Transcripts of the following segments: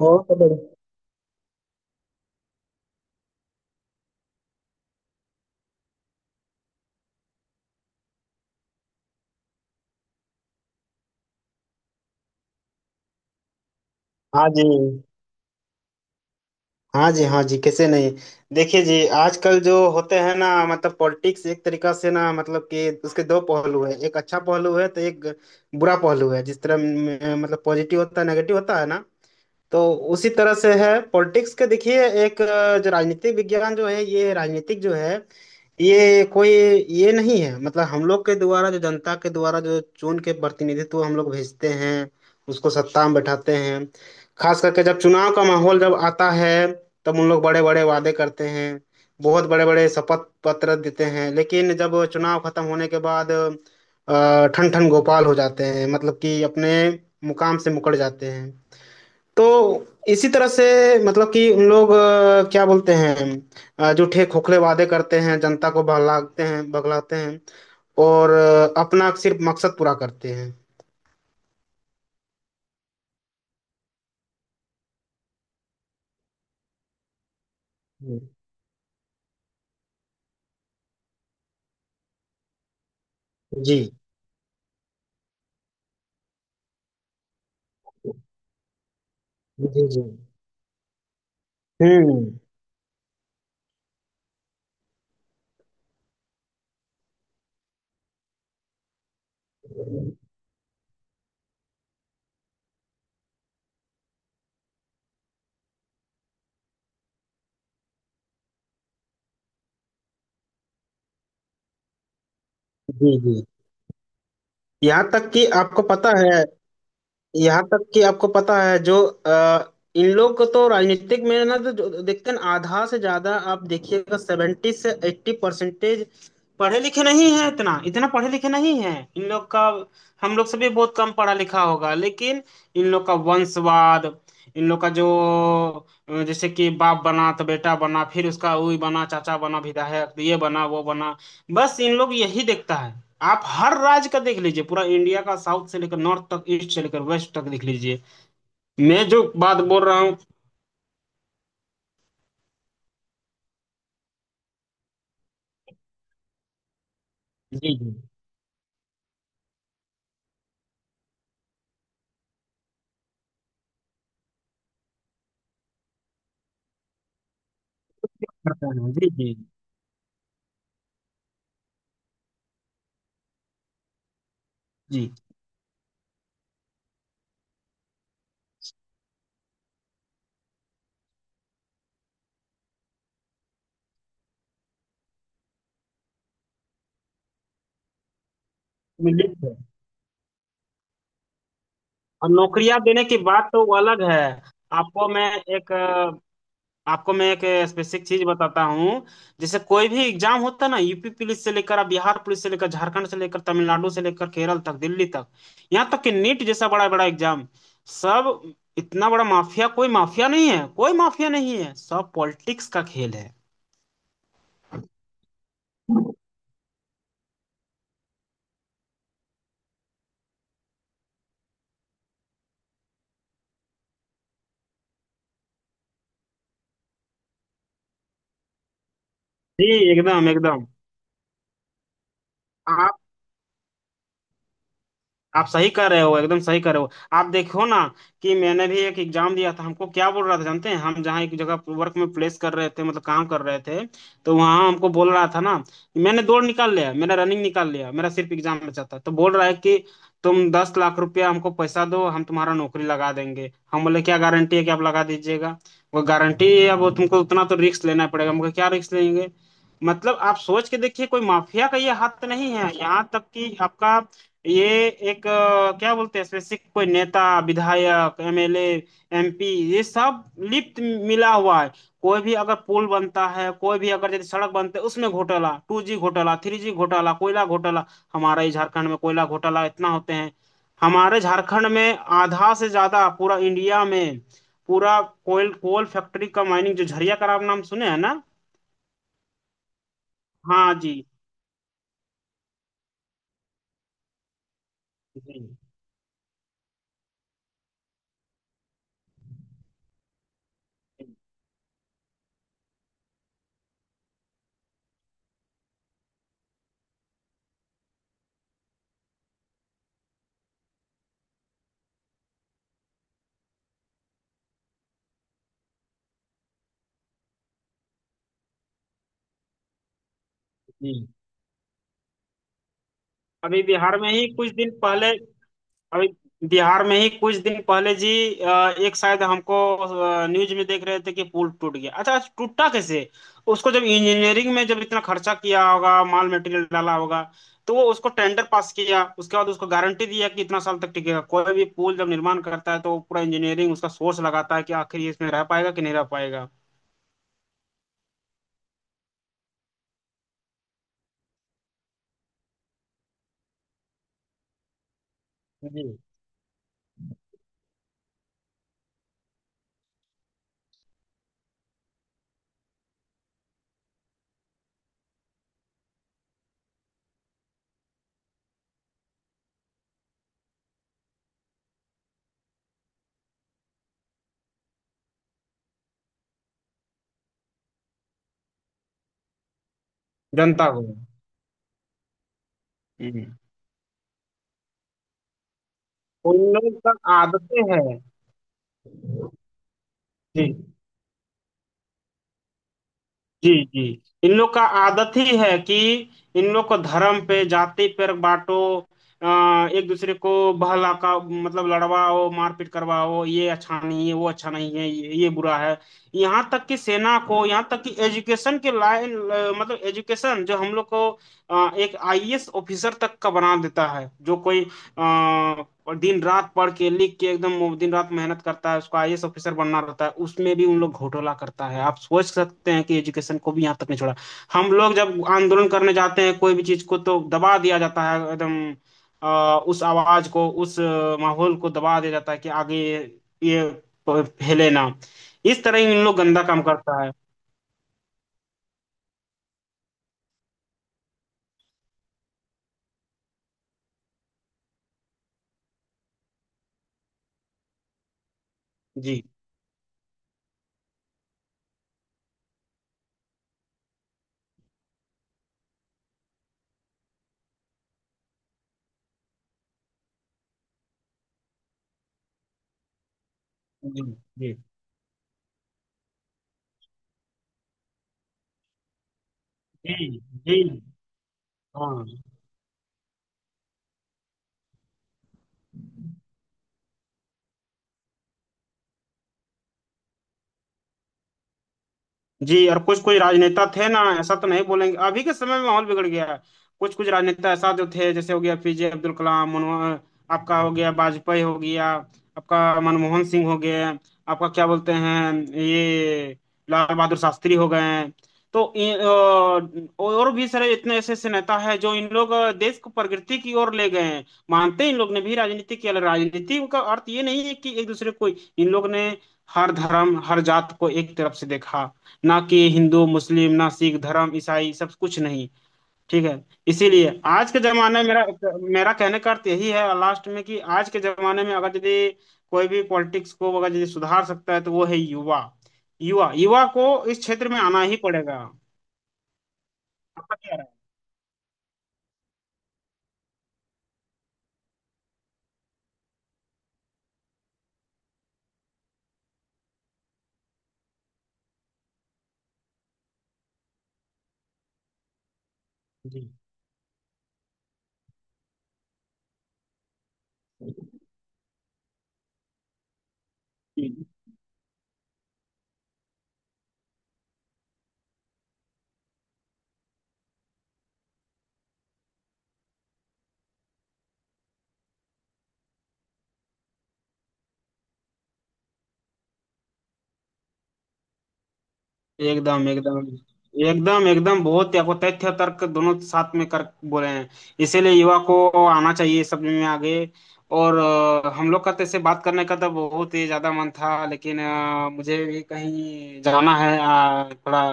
बहुत बढ़िया। हाँ जी, हाँ जी, हाँ जी, कैसे नहीं। देखिए जी, आजकल जो होते हैं ना, मतलब पॉलिटिक्स एक तरीका से ना, मतलब कि उसके दो पहलू है, एक अच्छा पहलू है तो एक बुरा पहलू है। जिस तरह मतलब पॉजिटिव होता है, नेगेटिव होता है ना। तो उसी तरह से है पॉलिटिक्स के। देखिए, एक जो राजनीतिक विज्ञान जो है, ये राजनीतिक जो है, ये कोई ये नहीं है, मतलब हम लोग के द्वारा, जो जनता के द्वारा जो चुन के प्रतिनिधित्व हम लोग भेजते हैं, उसको सत्ता में बैठाते हैं। खास करके जब चुनाव का माहौल जब आता है, तब उन लोग बड़े बड़े वादे करते हैं। बहुत बड़े बड़े शपथ पत्र देते हैं, लेकिन जब चुनाव खत्म होने के बाद ठन ठन गोपाल हो जाते हैं, मतलब कि अपने मुकाम से मुकर जाते हैं। तो इसी तरह से, मतलब कि उन लोग क्या बोलते हैं, झूठे खोखले वादे करते हैं, जनता को बहलाते हैं बगलाते हैं, और अपना सिर्फ मकसद पूरा करते हैं। हम्म। जी जी। जी। हम्म। जी जी। यहाँ तक कि आपको पता है यहाँ तक कि आपको पता है, जो इन लोग को तो राजनीतिक में ना, तो जो देखते हैं ना, आधा से ज्यादा आप देखिएगा, 70 से 80 परसेंटेज पढ़े लिखे नहीं है। इतना इतना पढ़े लिखे नहीं है इन लोग का। हम लोग से भी बहुत कम पढ़ा लिखा होगा, लेकिन इन लोग का वंशवाद, इन लोग का जो अ, जैसे कि बाप बना तो बेटा बना, फिर उसका वही बना, चाचा बना, विधायक ये बना वो बना। बस इन लोग यही देखता है। आप हर राज्य का देख लीजिए, पूरा इंडिया का, साउथ से लेकर नॉर्थ तक, ईस्ट से लेकर वेस्ट तक देख लीजिए। मैं जो बात बोल रहा हूँ। जी जी करता हूँ, जी जी। जी। मैं लिख रहा हूँ। और नौकरियां देने की बात तो वो अलग है। आपको मैं एक आपको मैं एक स्पेसिफिक चीज बताता हूँ। जैसे कोई भी एग्जाम होता है ना, यूपी पुलिस से लेकर आप बिहार पुलिस से लेकर झारखंड से लेकर तमिलनाडु से लेकर केरल तक, दिल्ली तक। यहाँ तक कि नीट जैसा बड़ा बड़ा एग्जाम, सब। इतना बड़ा माफिया, कोई माफिया नहीं है, कोई माफिया नहीं है, सब पॉलिटिक्स का खेल है। जी, एकदम एकदम। आप सही कर रहे हो, एकदम सही कर रहे हो। आप देखो ना, कि मैंने भी एक एग्जाम दिया था, हमको क्या बोल रहा था जानते हैं, हम जहाँ एक जगह वर्क में प्लेस कर रहे थे, मतलब काम कर रहे थे। तो वहाँ हमको बोल रहा था ना, मैंने दौड़ निकाल लिया, मैंने रनिंग निकाल लिया, मेरा सिर्फ एग्जाम बचा था। तो बोल रहा है कि तुम 10 लाख रुपया हमको पैसा दो, हम तुम्हारा नौकरी लगा देंगे। हम बोले क्या गारंटी है कि आप लगा दीजिएगा। वो गारंटी है, अब वो तुमको उतना तो रिस्क लेना पड़ेगा, हमको क्या रिस्क लेंगे। मतलब आप सोच के देखिए, कोई माफिया का ये हाथ नहीं है। यहाँ तक कि आपका ये एक क्या बोलते हैं, स्पेसिफिक कोई नेता, विधायक, एमएलए, एमपी, ये सब लिप्त, मिला हुआ है। कोई भी अगर पुल बनता है, कोई भी अगर जैसे सड़क बनते है, उसमें घोटाला, 2G घोटाला, 3G घोटाला, कोयला घोटाला। हमारे ही झारखंड में कोयला घोटाला इतना होते हैं। हमारे झारखंड में आधा से ज्यादा, पूरा इंडिया में, पूरा कोयल कोल फैक्ट्री का माइनिंग, जो झरिया का आप नाम सुने हैं ना। हाँ जी, जी जी। अभी बिहार में ही कुछ दिन पहले अभी बिहार में ही कुछ दिन पहले जी, एक शायद हमको न्यूज में देख रहे थे कि पुल टूट गया। अच्छा, टूटा कैसे। उसको जब इंजीनियरिंग में जब इतना खर्चा किया होगा, माल मटेरियल डाला होगा, तो वो उसको टेंडर पास किया, उसके बाद उसको गारंटी दिया कि इतना साल तक टिकेगा। कोई भी पुल जब निर्माण करता है, तो वो पूरा इंजीनियरिंग उसका सोर्स लगाता है कि आखिर ये इसमें रह पाएगा कि नहीं रह पाएगा। जी। जनता को। हम्म। उन लोगों का आदतें हैं। जी। जी जी। इन लोग का आदत ही है कि इन लोग को धर्म पे, जाति पर बांटो, अ, एक दूसरे को बहला का, मतलब लड़वाओ, मारपीट करवाओ। ये अच्छा नहीं है, वो अच्छा नहीं है, ये बुरा है। यहाँ तक कि सेना को, यहाँ तक कि एजुकेशन के लाइन, मतलब एजुकेशन जो हम लोग को एक आईएएस ऑफिसर तक का बना देता है, जो कोई और दिन रात पढ़ के लिख के एकदम, वो दिन रात मेहनत करता है, उसको आईएएस ऑफिसर बनना रहता है, उसमें भी उन लोग घोटाला करता है। आप सोच सकते हैं कि एजुकेशन को भी यहाँ तक नहीं छोड़ा। हम लोग जब आंदोलन करने जाते हैं कोई भी चीज को, तो दबा दिया जाता है एकदम, उस आवाज को, उस माहौल को दबा दिया जाता है कि आगे ये फैले ना। इस तरह इन लोग गंदा काम करता है। जी, जी जी, जी जी, हाँ जी। और कुछ कुछ राजनेता थे ना, ऐसा तो नहीं बोलेंगे, अभी के समय में माहौल बिगड़ गया है। कुछ कुछ राजनेता ऐसा जो थे, जैसे हो गया पीजे अब्दुल कलाम, मनमोहन। आपका हो गया वाजपेयी हो गया। आपका मनमोहन सिंह हो गए। आपका, क्या बोलते हैं ये, लाल बहादुर शास्त्री हो गए हैं। तो और भी सारे इतने ऐसे ऐसे नेता है, जो इन लोग देश को प्रगति की ओर ले गए हैं। मानते हैं इन लोग ने भी राजनीति किया, लेकिन राजनीति का अर्थ ये नहीं है कि एक दूसरे को इन लोग ने, हर धर्म हर जात को एक तरफ से देखा। ना कि हिंदू मुस्लिम, ना सिख धर्म, ईसाई, सब कुछ नहीं। ठीक है। इसीलिए आज के जमाने में मेरा मेरा कहने का अर्थ यही है लास्ट में, कि आज के जमाने में अगर यदि कोई भी पॉलिटिक्स को अगर यदि सुधार सकता है, तो वो है युवा। युवा, युवा को इस क्षेत्र में आना ही पड़ेगा। आपका क्या राय है? जी, जी। एकदम एकदम, एकदम एकदम, बहुत देखो, तथ्य तर्क दोनों साथ में कर बोले हैं। इसीलिए युवा को आना चाहिए सब में आगे। और हम लोग का तेरे बात करने का तो बहुत ही ज्यादा मन था, लेकिन मुझे भी कहीं जाना है थोड़ा।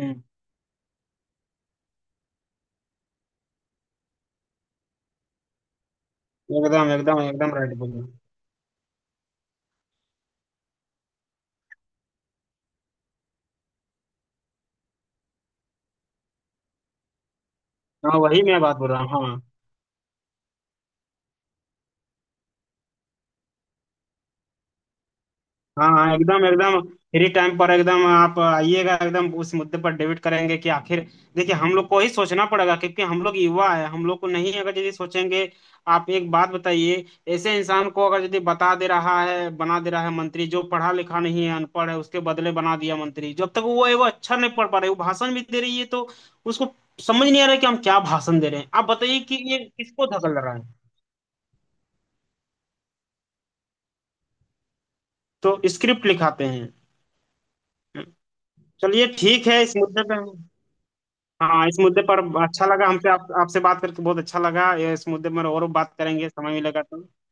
हम्म, एकदम एकदम, एकदम राइट बोल रहे हो। हाँ, वही मैं बात बोल रहा हूँ, हाँ। हाँ हाँ, एकदम एकदम, फ्री टाइम पर एकदम आप आइएगा, एकदम उस मुद्दे पर डिबेट करेंगे, कि आखिर देखिए हम लोग को ही सोचना पड़ेगा, क्योंकि हम लोग युवा है, हम लोग को नहीं अगर यदि सोचेंगे। आप एक बात बताइए, ऐसे इंसान को अगर यदि बता दे रहा है, बना दे रहा है मंत्री, जो पढ़ा लिखा नहीं है, अनपढ़ है, उसके बदले बना दिया मंत्री, जब तक वो है वो अच्छा नहीं पढ़ पा रहे, वो भाषण भी दे रही है, तो उसको समझ नहीं आ रहा है कि हम क्या भाषण दे रहे हैं। आप बताइए कि ये किसको धकल रहा है। तो स्क्रिप्ट लिखाते हैं। चलिए, ठीक है, इस मुद्दे पे हम। हाँ, इस मुद्दे पर अच्छा लगा, हमसे आप आपसे बात करके बहुत अच्छा लगा। ये इस मुद्दे पर और बात करेंगे समय मिलेगा तो